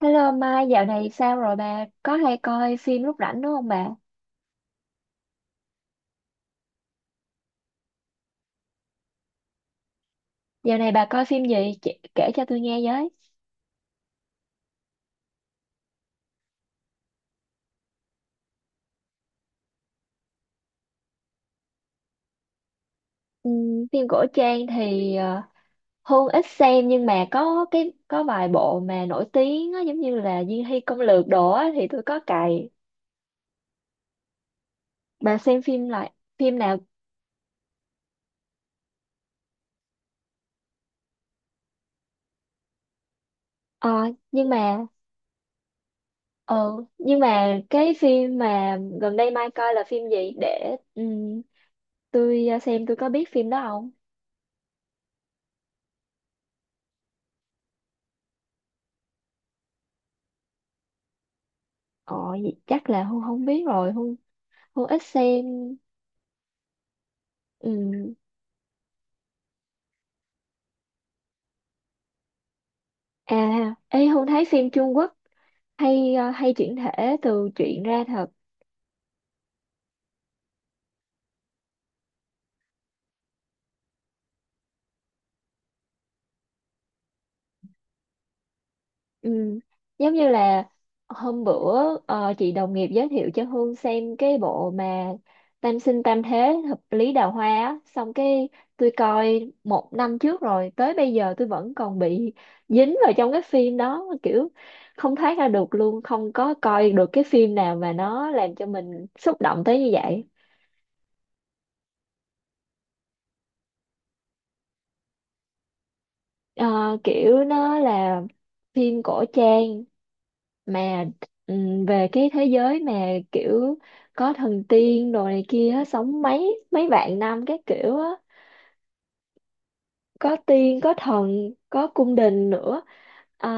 Hello Mai, dạo này sao rồi bà? Có hay coi phim lúc rảnh đúng không bà? Dạo này bà coi phim gì? Chị, kể cho tôi nghe với. Phim cổ trang thì Hương ít xem, nhưng mà có vài bộ mà nổi tiếng á, giống như là Diên Hy Công Lược đồ á, thì tôi có cày. Bà xem phim lại phim nào? Ờ, nhưng mà ờ, nhưng mà cái phim mà gần đây Mai coi là phim gì để tôi xem tôi có biết phim đó không? Ờ, vậy chắc là Hương không biết rồi. Hương Hương ít xem. Ừm, à ê Hương, thấy phim Trung Quốc hay chuyển thể từ truyện ra thật. Ừm, giống như là hôm bữa chị đồng nghiệp giới thiệu cho Hương xem cái bộ mà Tam sinh tam thế hợp lý đào hoa á, xong cái tôi coi một năm trước rồi tới bây giờ tôi vẫn còn bị dính vào trong cái phim đó, kiểu không thoát ra được luôn, không có coi được cái phim nào mà nó làm cho mình xúc động tới như vậy. Ờ, kiểu nó là phim cổ trang mà về cái thế giới mà kiểu có thần tiên đồ này kia á, sống mấy mấy vạn năm các kiểu á, có tiên có thần có cung đình nữa. Ờ,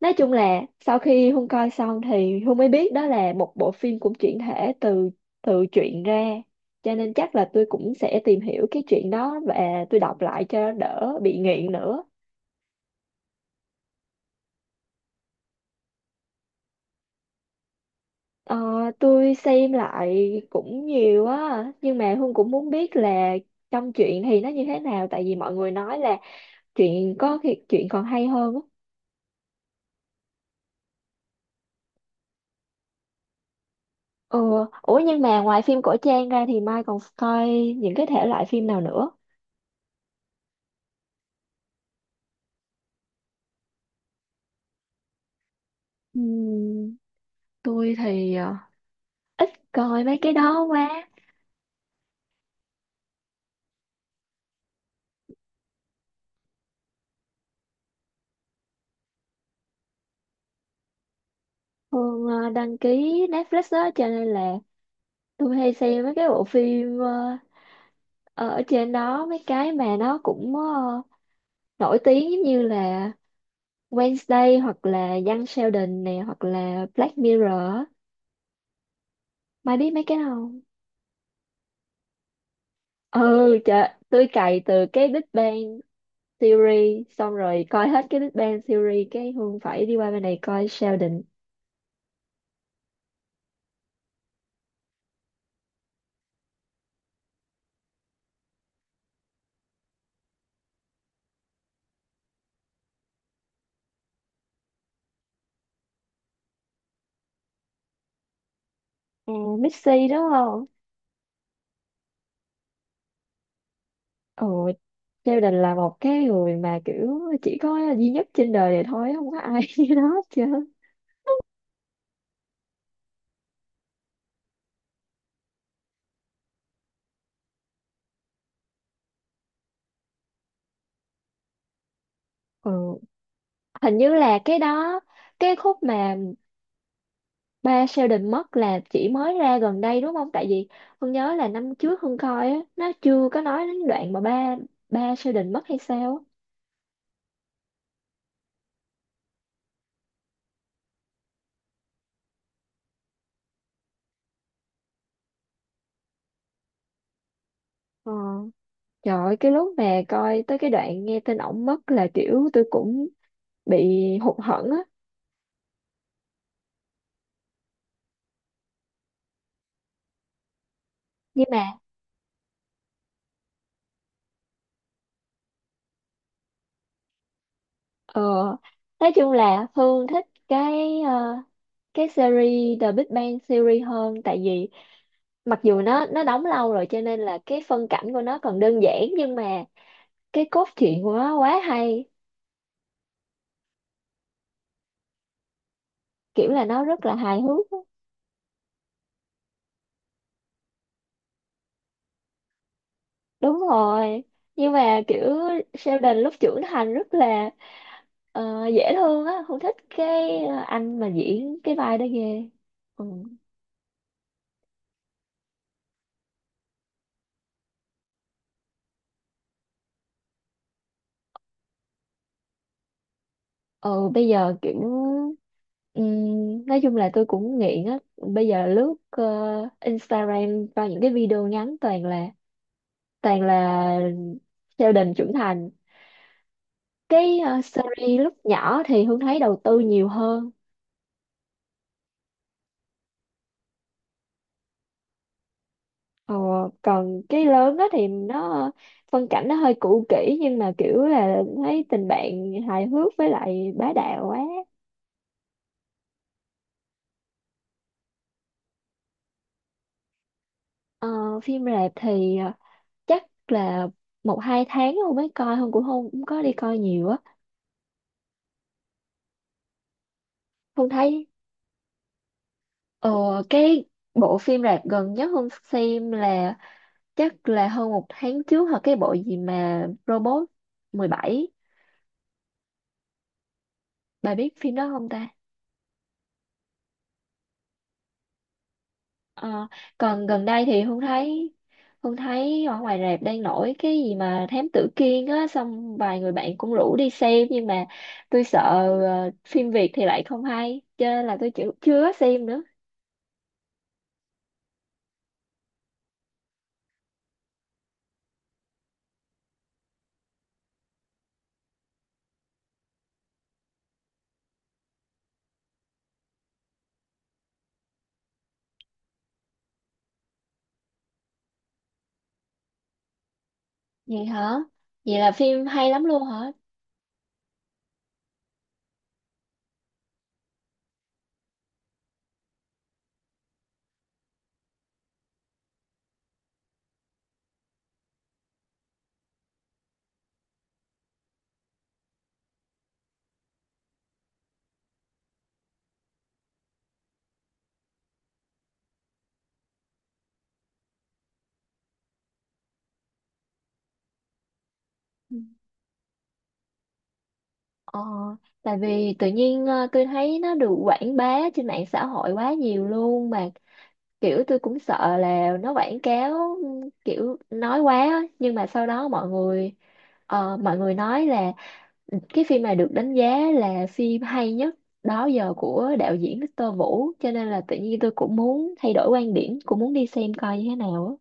nói chung là sau khi Hương coi xong thì Hương mới biết đó là một bộ phim cũng chuyển thể từ từ truyện ra, cho nên chắc là tôi cũng sẽ tìm hiểu cái chuyện đó và tôi đọc lại cho đỡ bị nghiện nữa. Ờ, tôi xem lại cũng nhiều á nhưng mà Hương cũng muốn biết là trong truyện thì nó như thế nào, tại vì mọi người nói là truyện có khi truyện còn hay hơn á. Ừ. Ủa nhưng mà ngoài phim cổ trang ra thì Mai còn coi những cái thể loại phim nào nữa? Ừm, tôi thì coi mấy cái đó quá. Hương đăng ký Netflix đó, cho nên là tôi hay xem mấy cái bộ phim ở trên đó, mấy cái mà nó cũng nổi tiếng, giống như là Wednesday hoặc là Young Sheldon nè hoặc là Black Mirror á. Mai biết mấy cái đó không? Ừ, trời tôi cày từ cái Big Bang Theory xong rồi coi hết cái Big Bang Theory cái Hương phải đi qua bên này coi Sheldon. À, Missy đúng không? Ồ, Sheldon là một cái người mà kiểu chỉ có duy nhất trên đời này thôi, không có ai như nó hết trơn. Ừ, hình như là cái đó, cái khúc mà Ba Sheldon mất là chỉ mới ra gần đây đúng không? Tại vì Hương nhớ là năm trước Hương coi á, nó chưa có nói đến đoạn mà ba ba Sheldon mất hay sao á. Ờ. Trời ơi, cái lúc mà coi tới cái đoạn nghe tin ổng mất là kiểu tôi cũng bị hụt hẫng á. Nhưng mà ờ, nói chung là Hương thích cái cái series The Big Bang Theory hơn, tại vì mặc dù nó đóng lâu rồi cho nên là cái phân cảnh của nó còn đơn giản, nhưng mà cái cốt truyện của nó quá hay, kiểu là nó rất là hài hước á. Đúng rồi, nhưng mà kiểu Sheldon lúc trưởng thành rất là dễ thương á, không thích cái anh mà diễn cái vai đó ghê. Ừ. Ừ, bây giờ kiểu nói chung là tôi cũng nghiện á, bây giờ lướt Instagram vào những cái video ngắn, toàn là Sheldon trưởng thành. Cái series lúc nhỏ thì Hương thấy đầu tư nhiều hơn. Ờ, còn cái lớn đó thì nó phân cảnh nó hơi cũ kỹ, nhưng mà kiểu là thấy tình bạn hài hước với lại bá đạo quá. Ờ, phim rạp thì chắc là một hai tháng không mới coi, không cũng không cũng có đi coi nhiều á. Không thấy. Ờ, cái bộ phim rạp gần nhất Hương xem là chắc là hơn một tháng trước, hoặc cái bộ gì mà Robot 17, bà biết phim đó không ta? Ờ, còn gần đây thì Hương thấy ở ngoài rạp đang nổi cái gì mà Thám Tử Kiên á, xong vài người bạn cũng rủ đi xem, nhưng mà tôi sợ phim Việt thì lại không hay, cho nên là tôi chưa có xem nữa. Vậy hả? Vậy là phim hay lắm luôn hả? Ừ. ờ, tại vì tự nhiên tôi thấy nó được quảng bá trên mạng xã hội quá nhiều luôn, mà kiểu tôi cũng sợ là nó quảng cáo kiểu nói quá á. Nhưng mà sau đó mọi người nói là cái phim này được đánh giá là phim hay nhất đó giờ của đạo diễn Victor Vũ, cho nên là tự nhiên tôi cũng muốn thay đổi quan điểm, cũng muốn đi xem coi như thế nào á.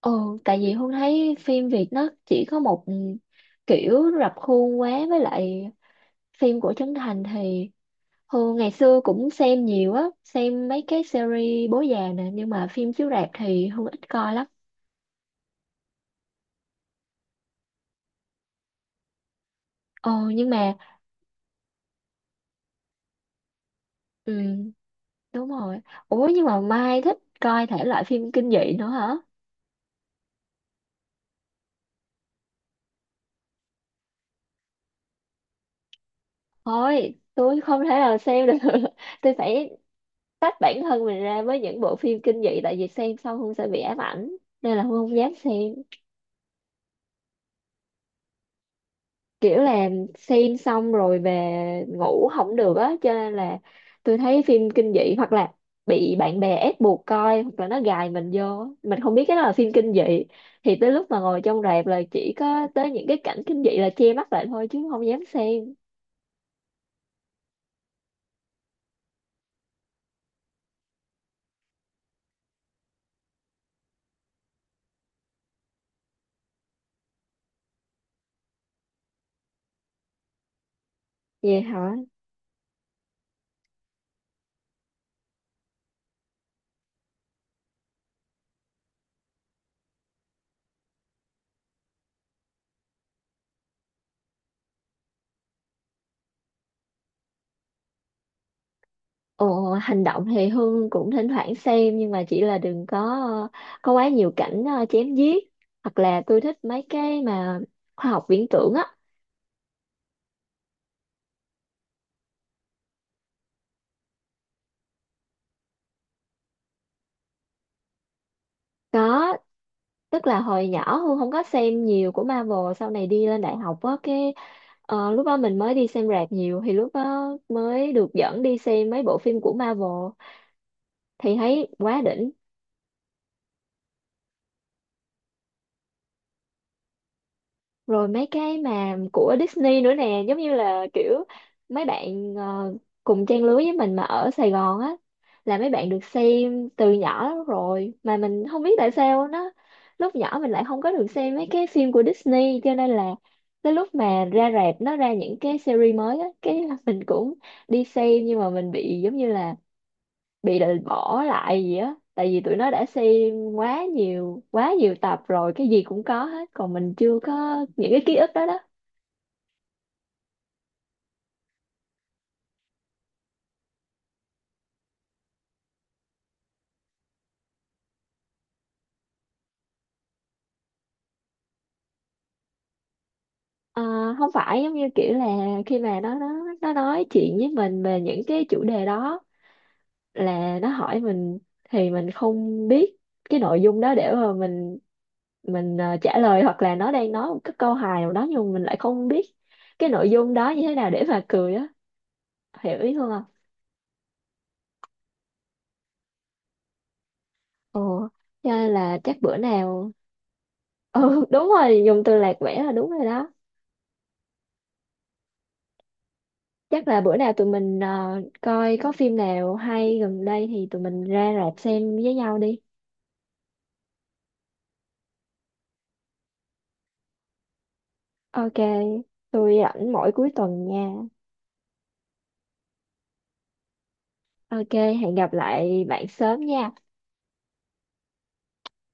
Ừ, tại vì Hương thấy phim Việt nó chỉ có một, kiểu rập khuôn quá, với lại phim của Trấn Thành thì Hương ngày xưa cũng xem nhiều á, xem mấy cái series bố già nè, nhưng mà phim chiếu rạp thì Hương ít coi lắm. Ờ nhưng mà. Ừ đúng rồi. Ủa nhưng mà Mai thích coi thể loại phim kinh dị nữa hả? Thôi, tôi không thể nào xem được. Tôi phải tách bản thân mình ra với những bộ phim kinh dị, tại vì xem xong không sẽ bị ám ảnh. Nên là Hương không dám xem. Kiểu là xem xong rồi về ngủ không được á. Cho nên là tôi thấy phim kinh dị hoặc là bị bạn bè ép buộc coi, hoặc là nó gài mình vô. Mình không biết cái đó là phim kinh dị. Thì tới lúc mà ngồi trong rạp là chỉ có tới những cái cảnh kinh dị là che mắt lại thôi, chứ không dám xem. Vậy hả? Ồ, hành động thì Hương cũng thỉnh thoảng xem, nhưng mà chỉ là đừng có có quá nhiều cảnh, chém giết, hoặc là tôi thích mấy cái mà khoa học viễn tưởng á. Có, tức là hồi nhỏ Hương không có xem nhiều của Marvel, sau này đi lên đại học á, cái lúc đó mình mới đi xem rạp nhiều, thì lúc đó mới được dẫn đi xem mấy bộ phim của Marvel, thì thấy quá đỉnh. Rồi mấy cái mà của Disney nữa nè, giống như là kiểu mấy bạn cùng trang lứa với mình mà ở Sài Gòn á, là mấy bạn được xem từ nhỏ lắm rồi, mà mình không biết tại sao nó lúc nhỏ mình lại không có được xem mấy cái phim của Disney, cho nên là tới lúc mà ra rạp nó ra những cái series mới á, cái mình cũng đi xem, nhưng mà mình bị giống như là bị định bỏ lại gì á, tại vì tụi nó đã xem quá nhiều tập rồi, cái gì cũng có hết còn mình chưa có những cái ký ức đó đó. Ờ, không phải, giống như kiểu là khi mà nó nói chuyện với mình về những cái chủ đề đó, là nó hỏi mình thì mình không biết cái nội dung đó để mà mình trả lời, hoặc là nó đang nói một cái câu hài nào đó, nhưng mà mình lại không biết cái nội dung đó như thế nào để mà cười á. Hiểu ý không ạ? Ồ, cho nên là chắc bữa nào. Ừ đúng rồi, dùng từ lạc quẻ là đúng rồi đó. Chắc là bữa nào tụi mình coi có phim nào hay gần đây thì tụi mình ra rạp xem với nhau đi. Ok, tôi rảnh mỗi cuối tuần nha. Ok, hẹn gặp lại bạn sớm nha.